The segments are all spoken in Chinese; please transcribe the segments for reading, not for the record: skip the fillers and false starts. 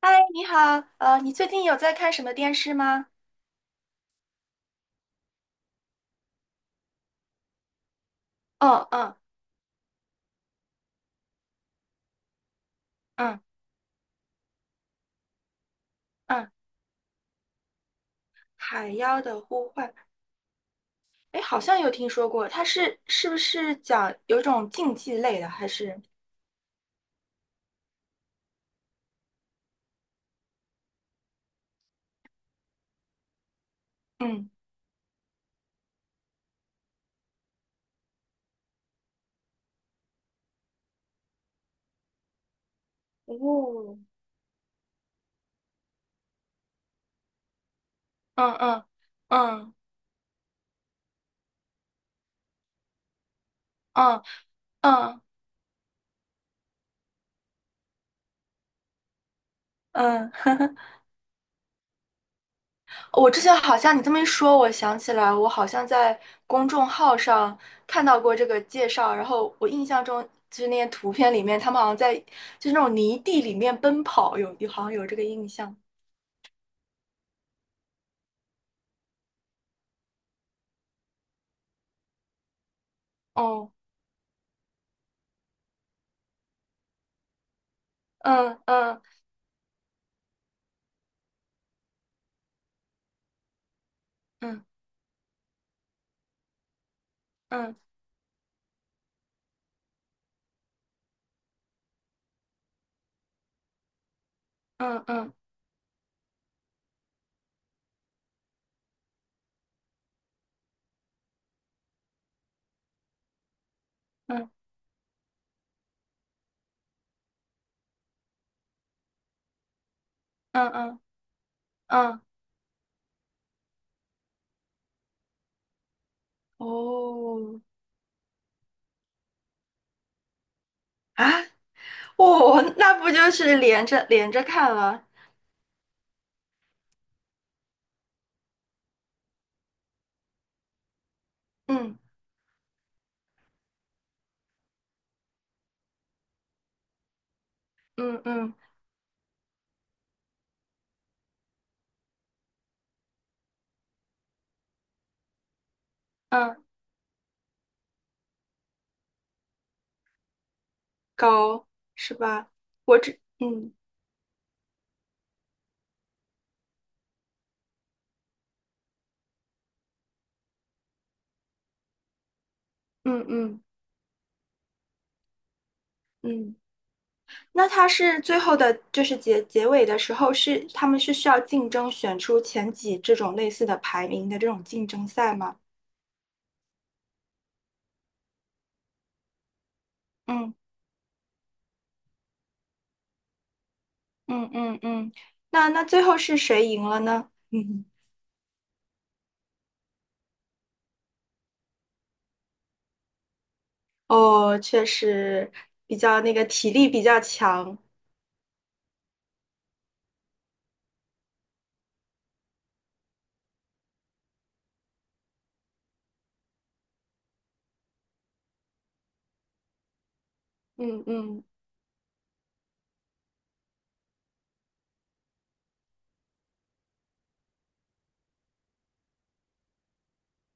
嗨，你好，你最近有在看什么电视吗？哦，嗯嗯嗯，《海妖的呼唤》，哎，好像有听说过，它是不是讲有一种竞技类的，还是嗯哦，嗯嗯嗯嗯嗯嗯，我之前好像你这么一说，我想起来，我好像在公众号上看到过这个介绍，然后我印象中就是那些图片里面，他们好像在就是那种泥地里面奔跑，有好像有这个印象。哦，嗯嗯嗯嗯嗯嗯嗯嗯嗯嗯，哦，啊，哦，那不就是连着连着看了？嗯嗯嗯嗯，高，是吧？嗯嗯嗯嗯，那它是最后的，就是结尾的时候是他们是需要竞争选出前几这种类似的排名的这种竞争赛吗？嗯嗯嗯嗯，那最后是谁赢了呢？哦，确实比较那个体力比较强。嗯嗯。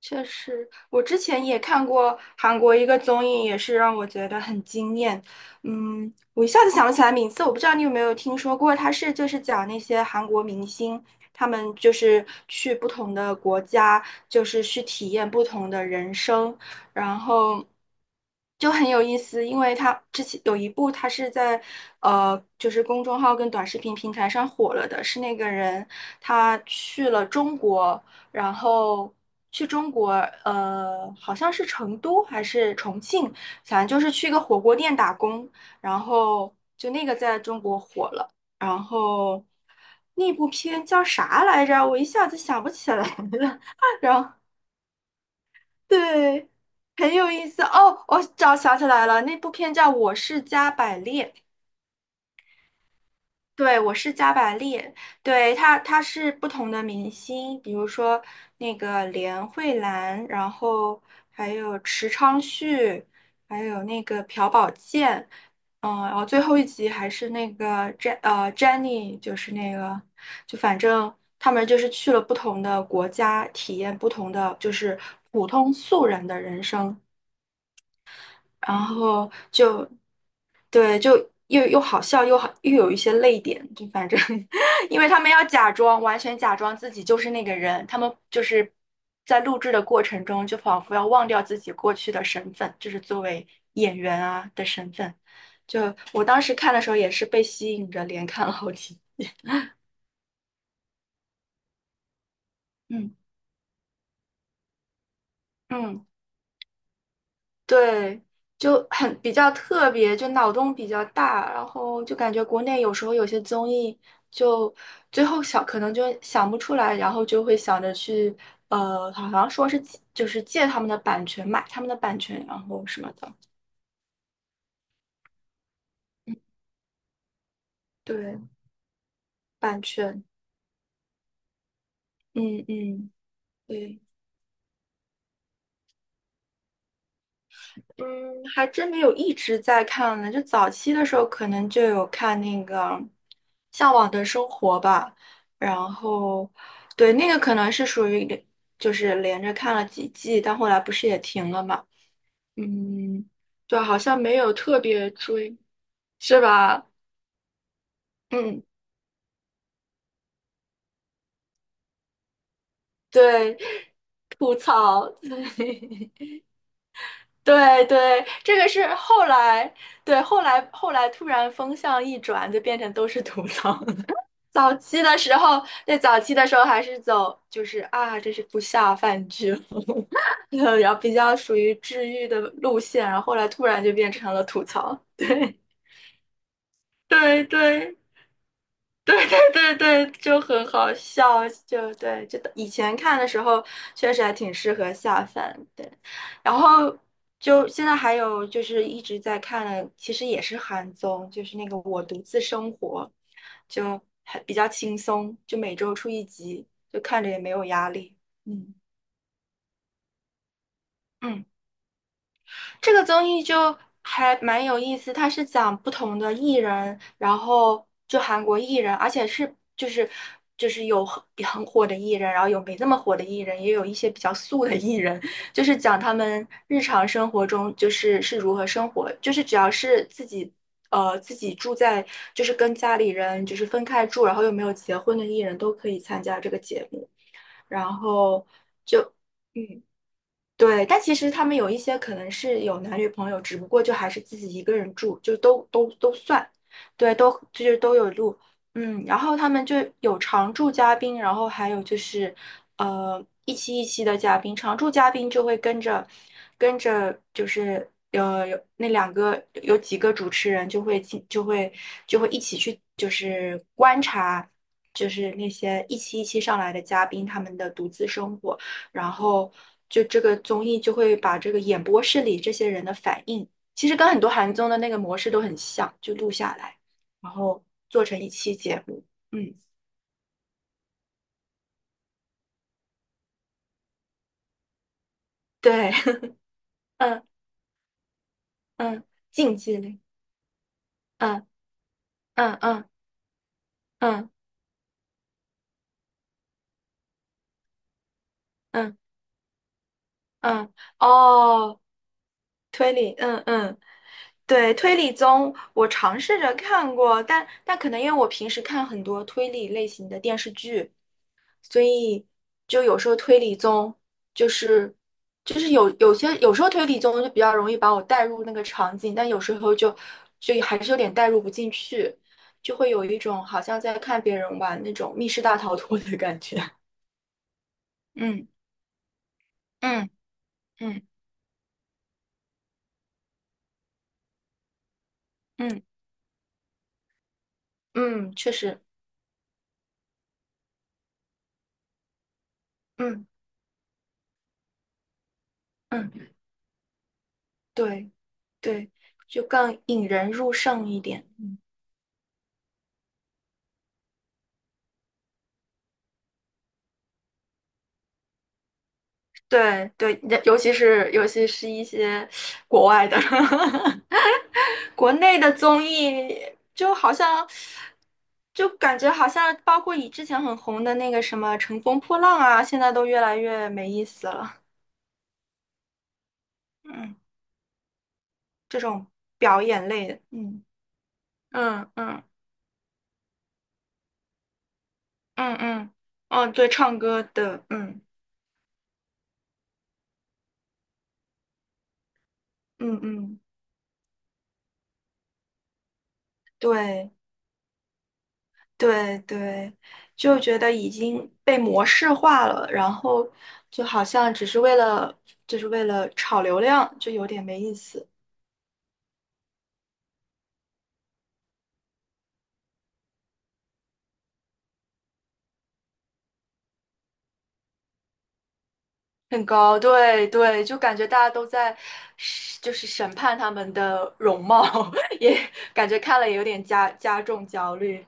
确实，我之前也看过韩国一个综艺，也是让我觉得很惊艳。嗯，我一下子想不起来名字，我不知道你有没有听说过，它是就是讲那些韩国明星，他们就是去不同的国家，就是去体验不同的人生，然后就很有意思，因为他之前有一部，他是在就是公众号跟短视频平台上火了的，是那个人他去了中国。然后去中国，好像是成都还是重庆，反正就是去一个火锅店打工，然后就那个在中国火了，然后那部片叫啥来着？我一下子想不起来了。然后对，很有意思哦，我找想起来了，那部片叫《我是加百列》。对，我是加百列，对，他是不同的明星，比如说那个连慧兰，然后还有池昌旭，还有那个朴宝剑，嗯，然后最后一集还是那个 Jenny，就是那个，就反正他们就是去了不同的国家，体验不同的就是普通素人的人生，然后就。对，就又好笑又好，又有一些泪点，就反正，因为他们要假装，完全假装自己就是那个人，他们就是在录制的过程中，就仿佛要忘掉自己过去的身份，就是作为演员啊的身份。就我当时看的时候也是被吸引着，连看了好几，嗯嗯。对，就很比较特别，就脑洞比较大，然后就感觉国内有时候有些综艺就最后想可能就想不出来，然后就会想着去好像说是就是借他们的版权，买他们的版权，然后什么的。对，版权，嗯嗯，对。嗯，还真没有一直在看呢。就早期的时候，可能就有看那个《向往的生活》吧，然后对那个可能是属于就是连着看了几季，但后来不是也停了嘛。嗯，对，好像没有特别追，是吧？嗯，对，吐槽，对。对对，这个是后来，对，后来突然风向一转，就变成都是吐槽。早期的时候，对早期的时候还是走就是啊，这是不下饭剧，然后比较属于治愈的路线，然后后来突然就变成了吐槽。对 对对，对对，就很好笑，就对，就以前看的时候确实还挺适合下饭，对。然后就现在还有就是一直在看的，其实也是韩综，就是那个《我独自生活》，就还比较轻松，就每周出一集，就看着也没有压力。嗯嗯。这个综艺就还蛮有意思，它是讲不同的艺人，然后就韩国艺人，而且是就是有很火的艺人，然后有没那么火的艺人，也有一些比较素的艺人，就是讲他们日常生活中就是如何生活，就是只要是自己。自己住在就是跟家里人就是分开住，然后又没有结婚的艺人都可以参加这个节目，然后就嗯。对，但其实他们有一些可能是有男女朋友，只不过就还是自己一个人住，就都算，对，都就是都有录，嗯，然后他们就有常驻嘉宾，然后还有就是一期一期的嘉宾，常驻嘉宾就会跟着跟着就是有那两个有几个主持人就会一起去就是观察，就是那些一期一期上来的嘉宾他们的独自生活。然后就这个综艺就会把这个演播室里这些人的反应，其实跟很多韩综的那个模式都很像，就录下来，然后做成一期节目。嗯，对，嗯嗯，竞技类，嗯嗯嗯嗯嗯嗯，哦，推理，嗯嗯。对，推理综我尝试着看过，但可能因为我平时看很多推理类型的电视剧，所以就有时候推理综就是就是有些有时候推理综就比较容易把我带入那个场景，但有时候就还是有点带入不进去，就会有一种好像在看别人玩那种密室大逃脱的感觉。嗯嗯嗯嗯嗯，确实，嗯嗯，对对，就更引人入胜一点。对对，尤其是一些国外的，国内的综艺就好像，就感觉好像包括以之前很红的那个什么《乘风破浪》啊，现在都越来越没意思了。嗯，这种表演类的，嗯嗯嗯嗯嗯，哦，对，唱歌的，嗯嗯嗯，对。对对，就觉得已经被模式化了，然后就好像只是为了，就是为了炒流量，就有点没意思。很高，对对，就感觉大家都在审，就是审判他们的容貌，也感觉看了也有点加重焦虑。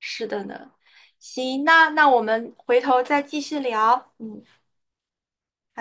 是的呢，行，那我们回头再继续聊。嗯，好